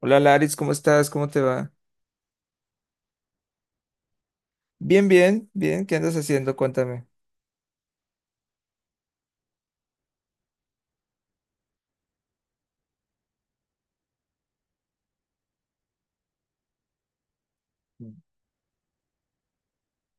Hola Laris, ¿cómo estás? ¿Cómo te va? Bien, bien, bien. ¿Qué andas haciendo? Cuéntame.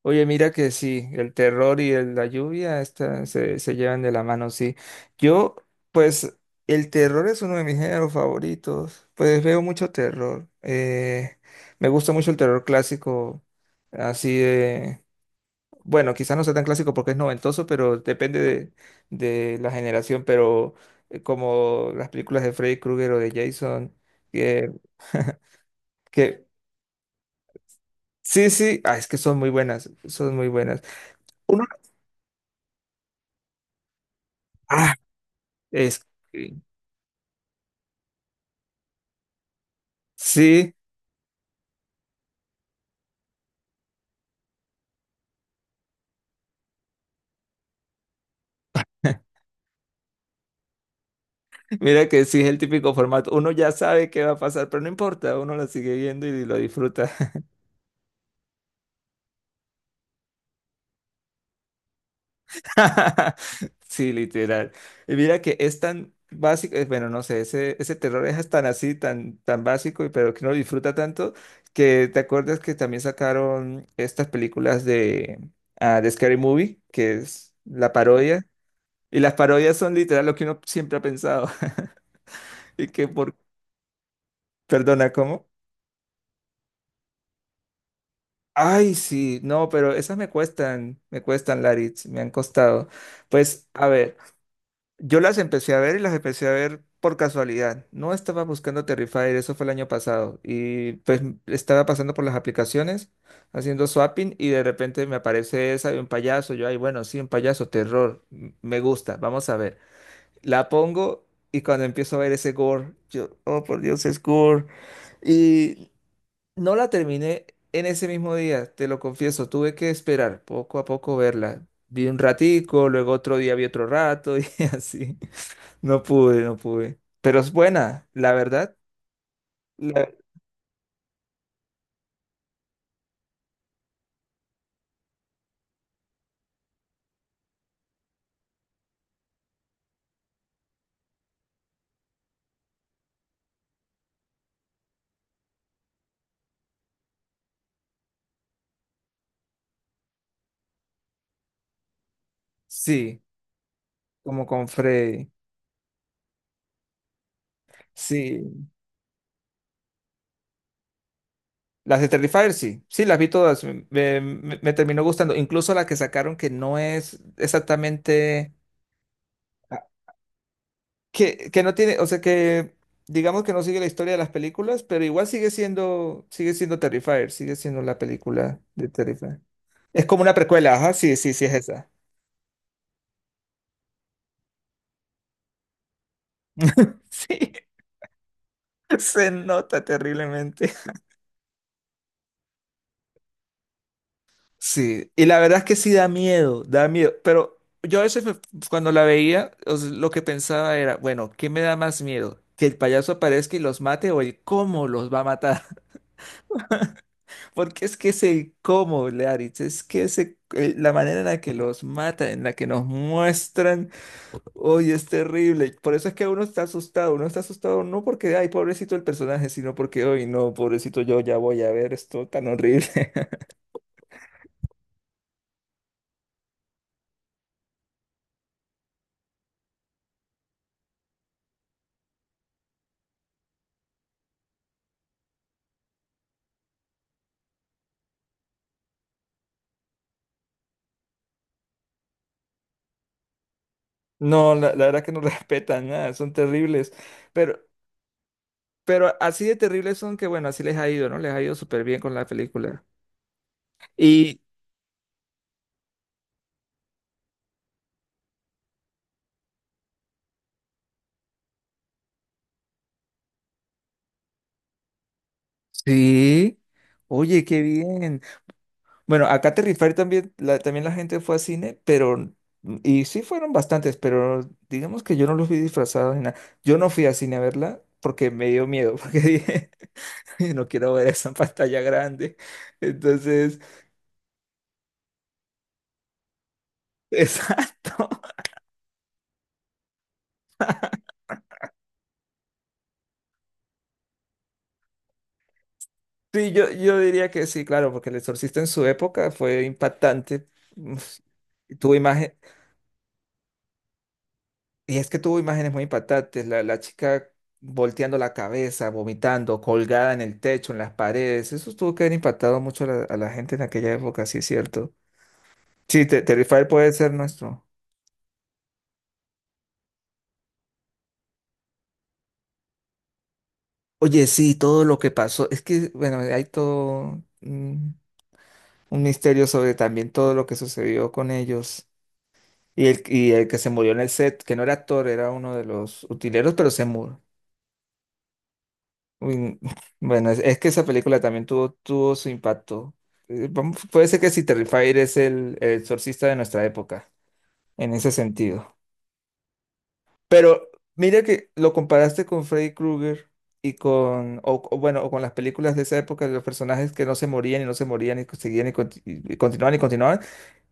Oye, mira que sí, el terror y la lluvia se llevan de la mano, sí. Yo, pues, el terror es uno de mis géneros favoritos. Pues veo mucho terror. Me gusta mucho el terror clásico, así de... Bueno, quizás no sea tan clásico porque es noventoso, pero depende de la generación, pero como las películas de Freddy Krueger o de Jason, que... Que sí, sí, ah, es que son muy buenas, son muy buenas. Uno, ah, es que sí. Mira que sí es el típico formato. Uno ya sabe qué va a pasar, pero no importa, uno la sigue viendo y lo disfruta. Sí, literal. Y mira que es tan básico, bueno, no sé, ese terror es tan así, tan básico, y pero que uno lo disfruta tanto, que te acuerdas que también sacaron estas películas de Scary Movie, que es la parodia. Y las parodias son literal lo que uno siempre ha pensado. Y que por... Perdona, ¿cómo? Ay, sí, no, pero esas me cuestan, Laritz, me han costado. Pues, a ver, yo las empecé a ver y las empecé a ver por casualidad. No estaba buscando Terrifier, eso fue el año pasado. Y pues estaba pasando por las aplicaciones, haciendo swapping y de repente me aparece esa de un payaso. Yo, ay, bueno, sí, un payaso, terror, me gusta, vamos a ver. La pongo y cuando empiezo a ver ese gore, yo, oh por Dios, es gore. Y no la terminé en ese mismo día, te lo confieso, tuve que esperar poco a poco verla. Vi un ratico, luego otro día vi otro rato y así. No pude, no pude. Pero es buena, la verdad. la- Sí, como con Freddy. Sí, las de Terrifier, sí, sí, las vi todas, me terminó gustando, incluso la que sacaron que no es exactamente. Que no tiene, o sea que digamos que no sigue la historia de las películas, pero igual sigue siendo Terrifier, sigue siendo la película de Terrifier. Es como una precuela, ajá, sí, sí, sí es esa. Sí, se nota terriblemente. Sí, y la verdad es que sí da miedo, pero yo a veces cuando la veía, o sea, lo que pensaba era, bueno, ¿qué me da más miedo? ¿Que el payaso aparezca y los mate o el cómo los va a matar? Porque es que ese cómo, Learitz, es que la manera en la que los matan, en la que nos muestran, hoy es terrible. Por eso es que uno está asustado. Uno está asustado no porque, ay, pobrecito el personaje, sino porque, hoy no, pobrecito yo ya voy a ver esto tan horrible. No, la verdad que no respetan nada, son terribles. Pero, pero así de terribles son que, bueno, así les ha ido, ¿no? Les ha ido súper bien con la película. Y sí, oye, qué bien. Bueno, acá Terry Fair también la gente fue a cine, y sí fueron bastantes, pero digamos que yo no los vi disfrazados ni nada. Yo no fui a cine a verla porque me dio miedo, porque dije, "Ay, no quiero ver esa pantalla grande." Entonces, exacto. Sí, yo diría que sí, claro, porque El Exorcista en su época fue impactante. Uf, Tuvo imagen, y es que tuvo imágenes muy impactantes, la chica volteando la cabeza, vomitando, colgada en el techo, en las paredes. Eso tuvo que haber impactado mucho a la gente en aquella época, sí es cierto. Sí, Terrifier puede ser nuestro. Oye, sí, todo lo que pasó. Es que, bueno, hay todo un misterio sobre también todo lo que sucedió con ellos. Y el que se murió en el set, que no era actor, era uno de los utileros, pero se murió. Uy, bueno, es, que esa película también tuvo, tuvo su impacto. Vamos, puede ser que si Terrifier es el exorcista de nuestra época, en ese sentido. Pero mira que lo comparaste con Freddy Krueger y o bueno, o con las películas de esa época, de los personajes que no se morían y no se morían y seguían y continuaban y continuaban.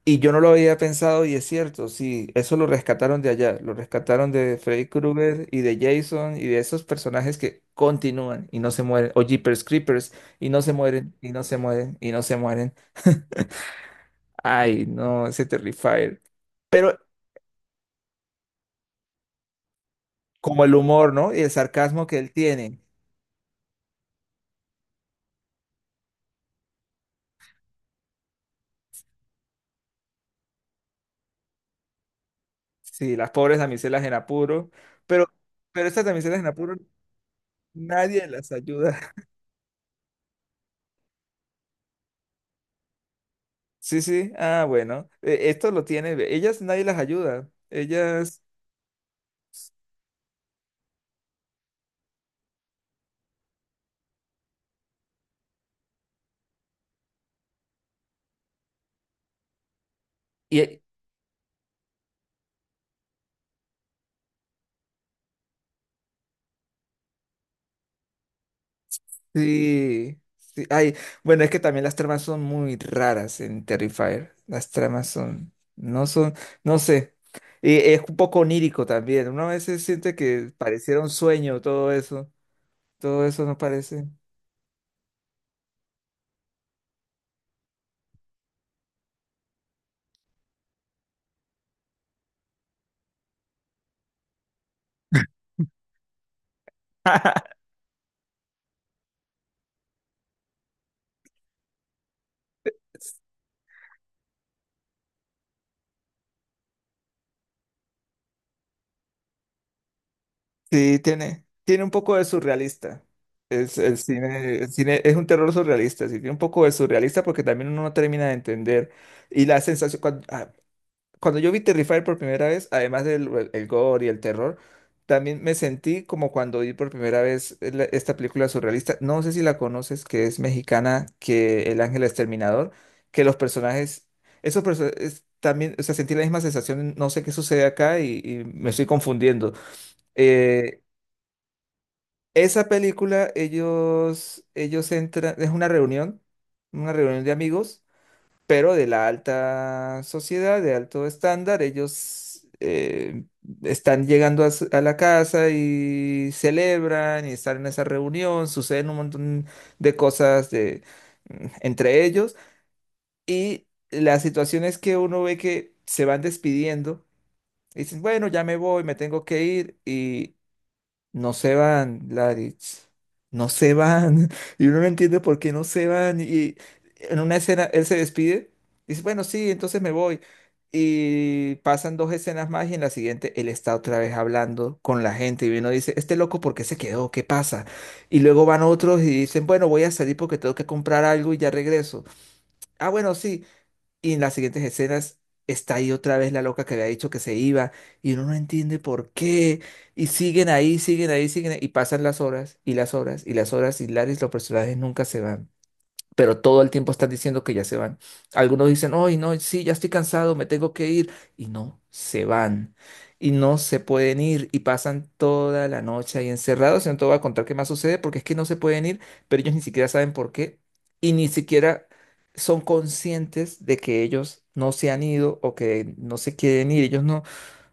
Y yo no lo había pensado y es cierto, sí, eso lo rescataron de allá, lo rescataron de Freddy Krueger y de Jason y de esos personajes que continúan y no se mueren, o Jeepers Creepers y no se mueren, y no se mueren, y no se mueren. Ay, no, ese Terrifier. Pero como el humor, ¿no? Y el sarcasmo que él tiene. Sí, las pobres damiselas en apuro, pero, pero estas damiselas en apuro nadie las ayuda. Sí, sí, ah, bueno, esto lo tiene, ellas nadie las ayuda, ellas. Y, Sí, sí. Ay, bueno, es que también las tramas son muy raras en Terrifier. Las tramas son, no sé. Y es un poco onírico también. Uno a veces siente que pareciera un sueño todo eso. Todo eso no parece. Sí, tiene un poco de surrealista. El cine es un terror surrealista, sí, tiene un poco de surrealista porque también uno no termina de entender. Y la sensación, cuando yo vi Terrifier por primera vez, además del el gore y el terror, también me sentí como cuando vi por primera vez esta película surrealista. No sé si la conoces, que es mexicana, que El Ángel Exterminador, que los personajes, esos personajes también, o sea, sentí la misma sensación, no sé qué sucede acá y me estoy confundiendo. Eh, Esa película, ellos entran, es una reunión de amigos pero de la alta sociedad, de alto estándar, ellos están llegando a la casa y celebran y están en esa reunión, suceden un montón de cosas entre ellos y la situación es que uno ve que se van despidiendo. Y dicen, bueno, ya me voy, me tengo que ir. Y no se van, Laritz. No se van. Y uno no entiende por qué no se van. Y en una escena él se despide. Dice, bueno, sí, entonces me voy. Y pasan dos escenas más y en la siguiente él está otra vez hablando con la gente. Y uno dice, este loco, ¿por qué se quedó? ¿Qué pasa? Y luego van otros y dicen, bueno, voy a salir porque tengo que comprar algo y ya regreso. Ah, bueno, sí. Y en las siguientes escenas está ahí otra vez la loca que había dicho que se iba y uno no entiende por qué. Y siguen ahí, siguen ahí, siguen ahí. Y pasan las horas y las horas y las horas y Laris, los personajes nunca se van pero todo el tiempo están diciendo que ya se van. Algunos dicen, hoy no, sí, ya estoy cansado, me tengo que ir. Y no, se van. Y no se pueden ir y pasan toda la noche ahí encerrados. Y no te voy a contar qué más sucede porque es que no se pueden ir, pero ellos ni siquiera saben por qué y ni siquiera son conscientes de que ellos no se han ido o que no se quieren ir. Ellos no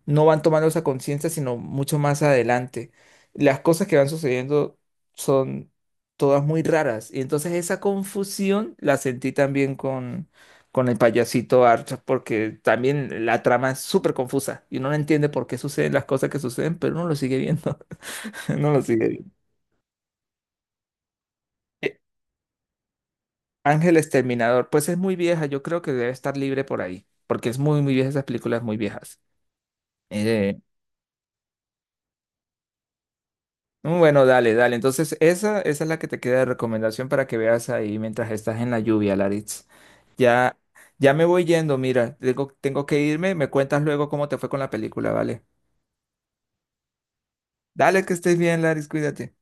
no van tomando esa conciencia, sino mucho más adelante. Las cosas que van sucediendo son todas muy raras. Y entonces esa confusión la sentí también con el payasito Archer, porque también la trama es súper confusa y uno no entiende por qué suceden las cosas que suceden, pero uno lo sigue viendo. No lo sigue viendo. Eh, Ángel Exterminador, pues es muy vieja, yo creo que debe estar libre por ahí, porque es muy, muy vieja, esas películas muy viejas. Eh, Bueno, dale, dale. Entonces, esa es la que te queda de recomendación para que veas ahí mientras estás en la lluvia, Laritz. Ya, ya me voy yendo, mira, tengo que irme. Me cuentas luego cómo te fue con la película, ¿vale? Dale, que estés bien, Laritz, cuídate.